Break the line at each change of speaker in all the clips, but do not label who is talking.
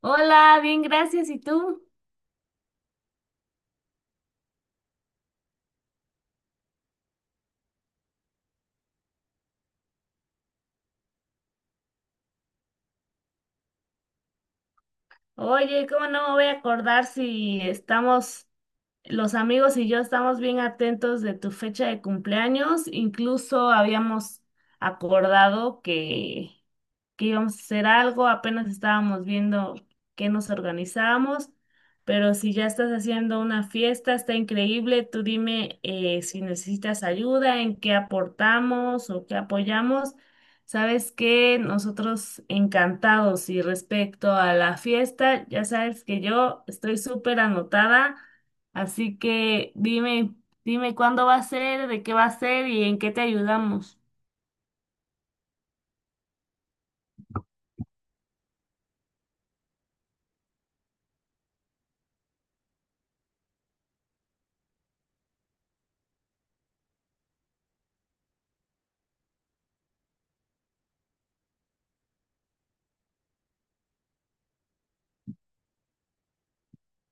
Hola, bien, gracias. ¿Y tú? Oye, ¿cómo no me voy a acordar si estamos, los amigos y yo estamos bien atentos de tu fecha de cumpleaños? Incluso habíamos acordado que íbamos a hacer algo, apenas estábamos viendo qué nos organizamos, pero si ya estás haciendo una fiesta, está increíble, tú dime si necesitas ayuda, en qué aportamos o qué apoyamos. Sabes que nosotros encantados y respecto a la fiesta, ya sabes que yo estoy súper anotada, así que dime, dime cuándo va a ser, de qué va a ser y en qué te ayudamos.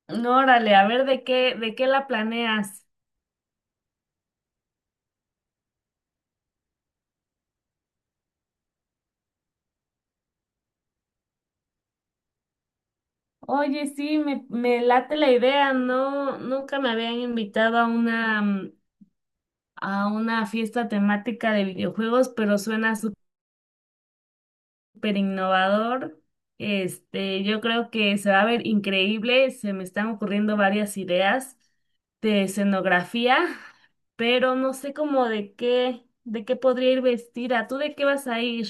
No, órale, a ver de qué la planeas. Oye, sí, me late la idea, no, nunca me habían invitado a una, a una fiesta temática de videojuegos, pero suena súper innovador. Este, yo creo que se va a ver increíble, se me están ocurriendo varias ideas de escenografía, pero no sé cómo de qué podría ir vestida. ¿Tú de qué vas a ir?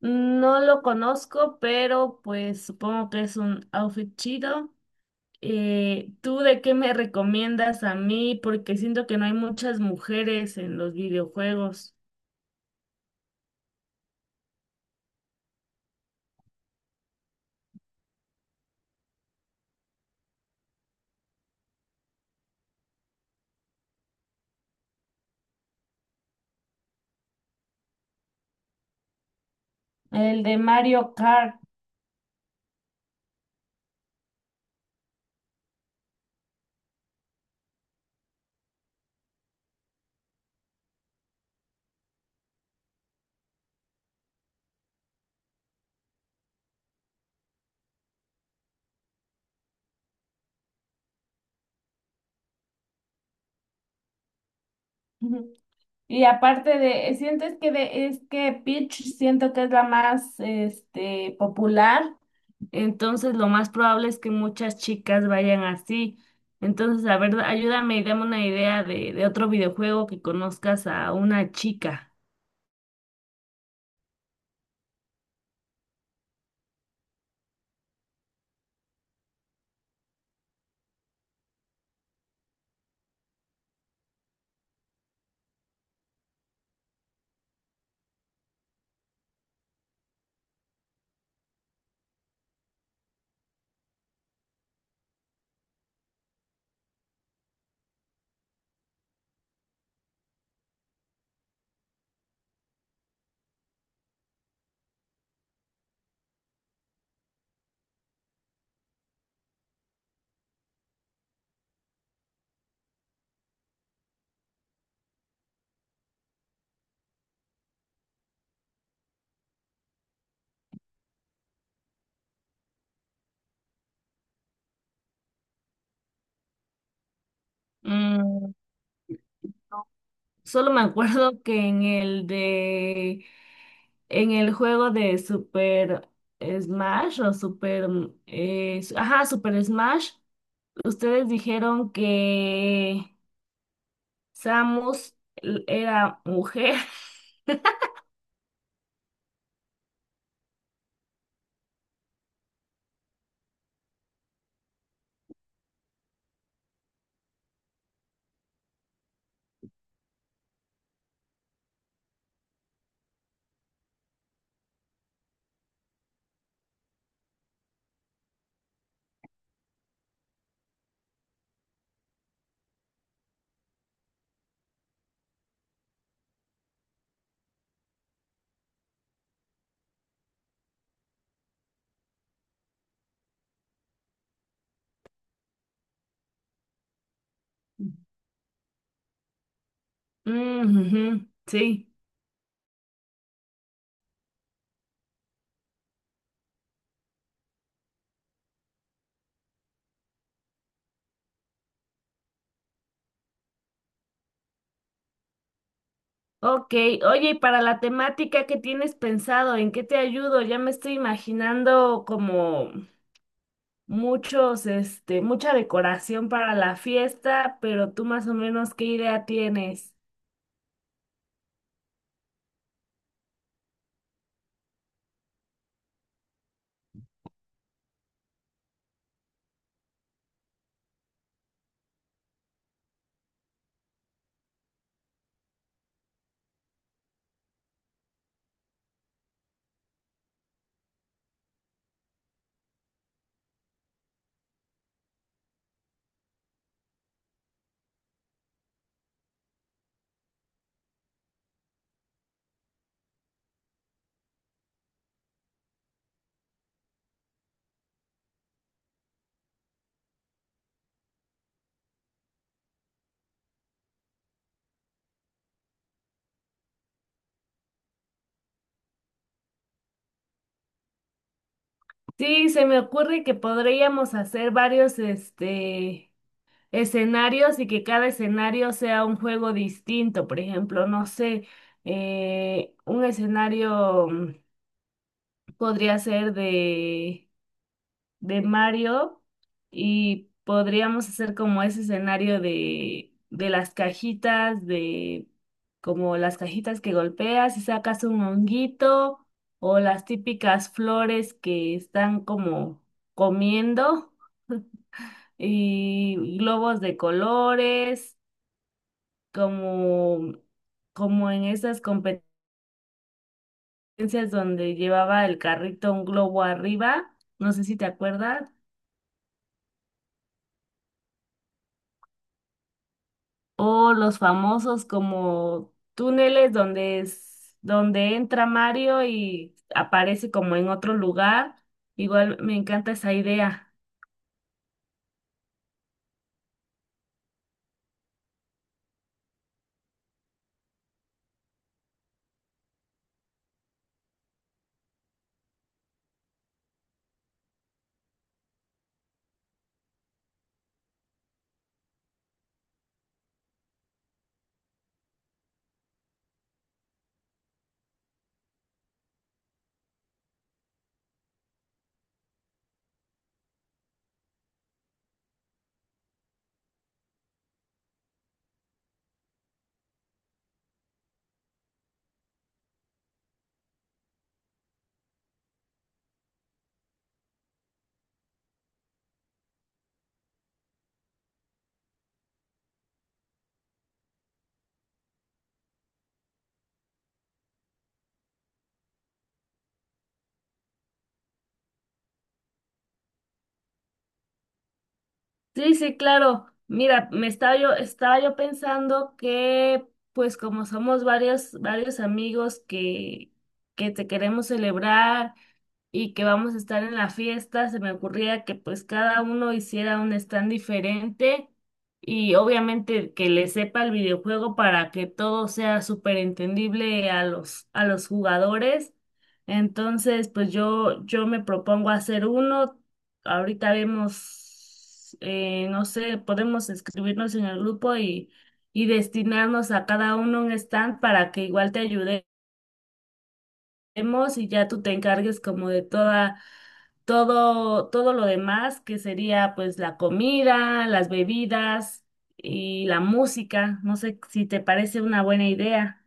No lo conozco, pero pues supongo que es un outfit chido. ¿Tú de qué me recomiendas a mí? Porque siento que no hay muchas mujeres en los videojuegos. El de Mario Kart. Ujú. Y aparte de, sientes que de, es que Peach siento que es la más este popular. Entonces, lo más probable es que muchas chicas vayan así. Entonces, a ver, ayúdame y dame una idea de otro videojuego que conozcas a una chica. Solo me acuerdo que en el de, en el juego de Super Smash o Super, ajá, Super Smash, ustedes dijeron que Samus era mujer. Mm, ujú, sí. Ok, oye, y para la temática que tienes pensado, ¿en qué te ayudo? Ya me estoy imaginando como muchos, este, mucha decoración para la fiesta, pero tú más o menos ¿qué idea tienes? Sí, se me ocurre que podríamos hacer varios, este, escenarios y que cada escenario sea un juego distinto. Por ejemplo, no sé, un escenario podría ser de Mario y podríamos hacer como ese escenario de las cajitas, de como las cajitas que golpeas y sacas un honguito o las típicas flores que están como comiendo y globos de colores, como, como en esas competencias donde llevaba el carrito un globo arriba, no sé si te acuerdas. O los famosos como túneles donde es, donde entra Mario y aparece como en otro lugar. Igual me encanta esa idea. Sí, sí, claro. Mira, me estaba yo pensando que, pues como somos varios, varios amigos que te queremos celebrar y que vamos a estar en la fiesta, se me ocurría que pues cada uno hiciera un stand diferente y obviamente que le sepa el videojuego para que todo sea súper entendible a los jugadores. Entonces, pues yo me propongo hacer uno. Ahorita vemos, no sé, podemos escribirnos en el grupo y destinarnos a cada uno un stand para que igual te ayude hacemos y ya tú te encargues como de toda, todo, todo lo demás, que sería pues la comida, las bebidas y la música. No sé si te parece una buena idea.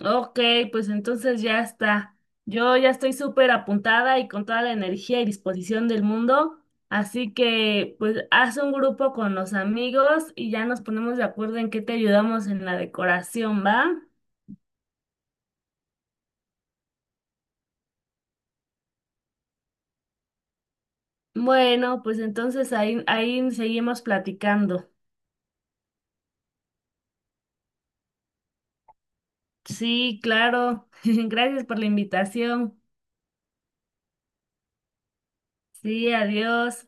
Ok, pues entonces ya está. Yo ya estoy súper apuntada y con toda la energía y disposición del mundo. Así que pues haz un grupo con los amigos y ya nos ponemos de acuerdo en qué te ayudamos en la decoración, ¿va? Bueno, pues entonces ahí, ahí seguimos platicando. Sí, claro. Gracias por la invitación. Sí, adiós.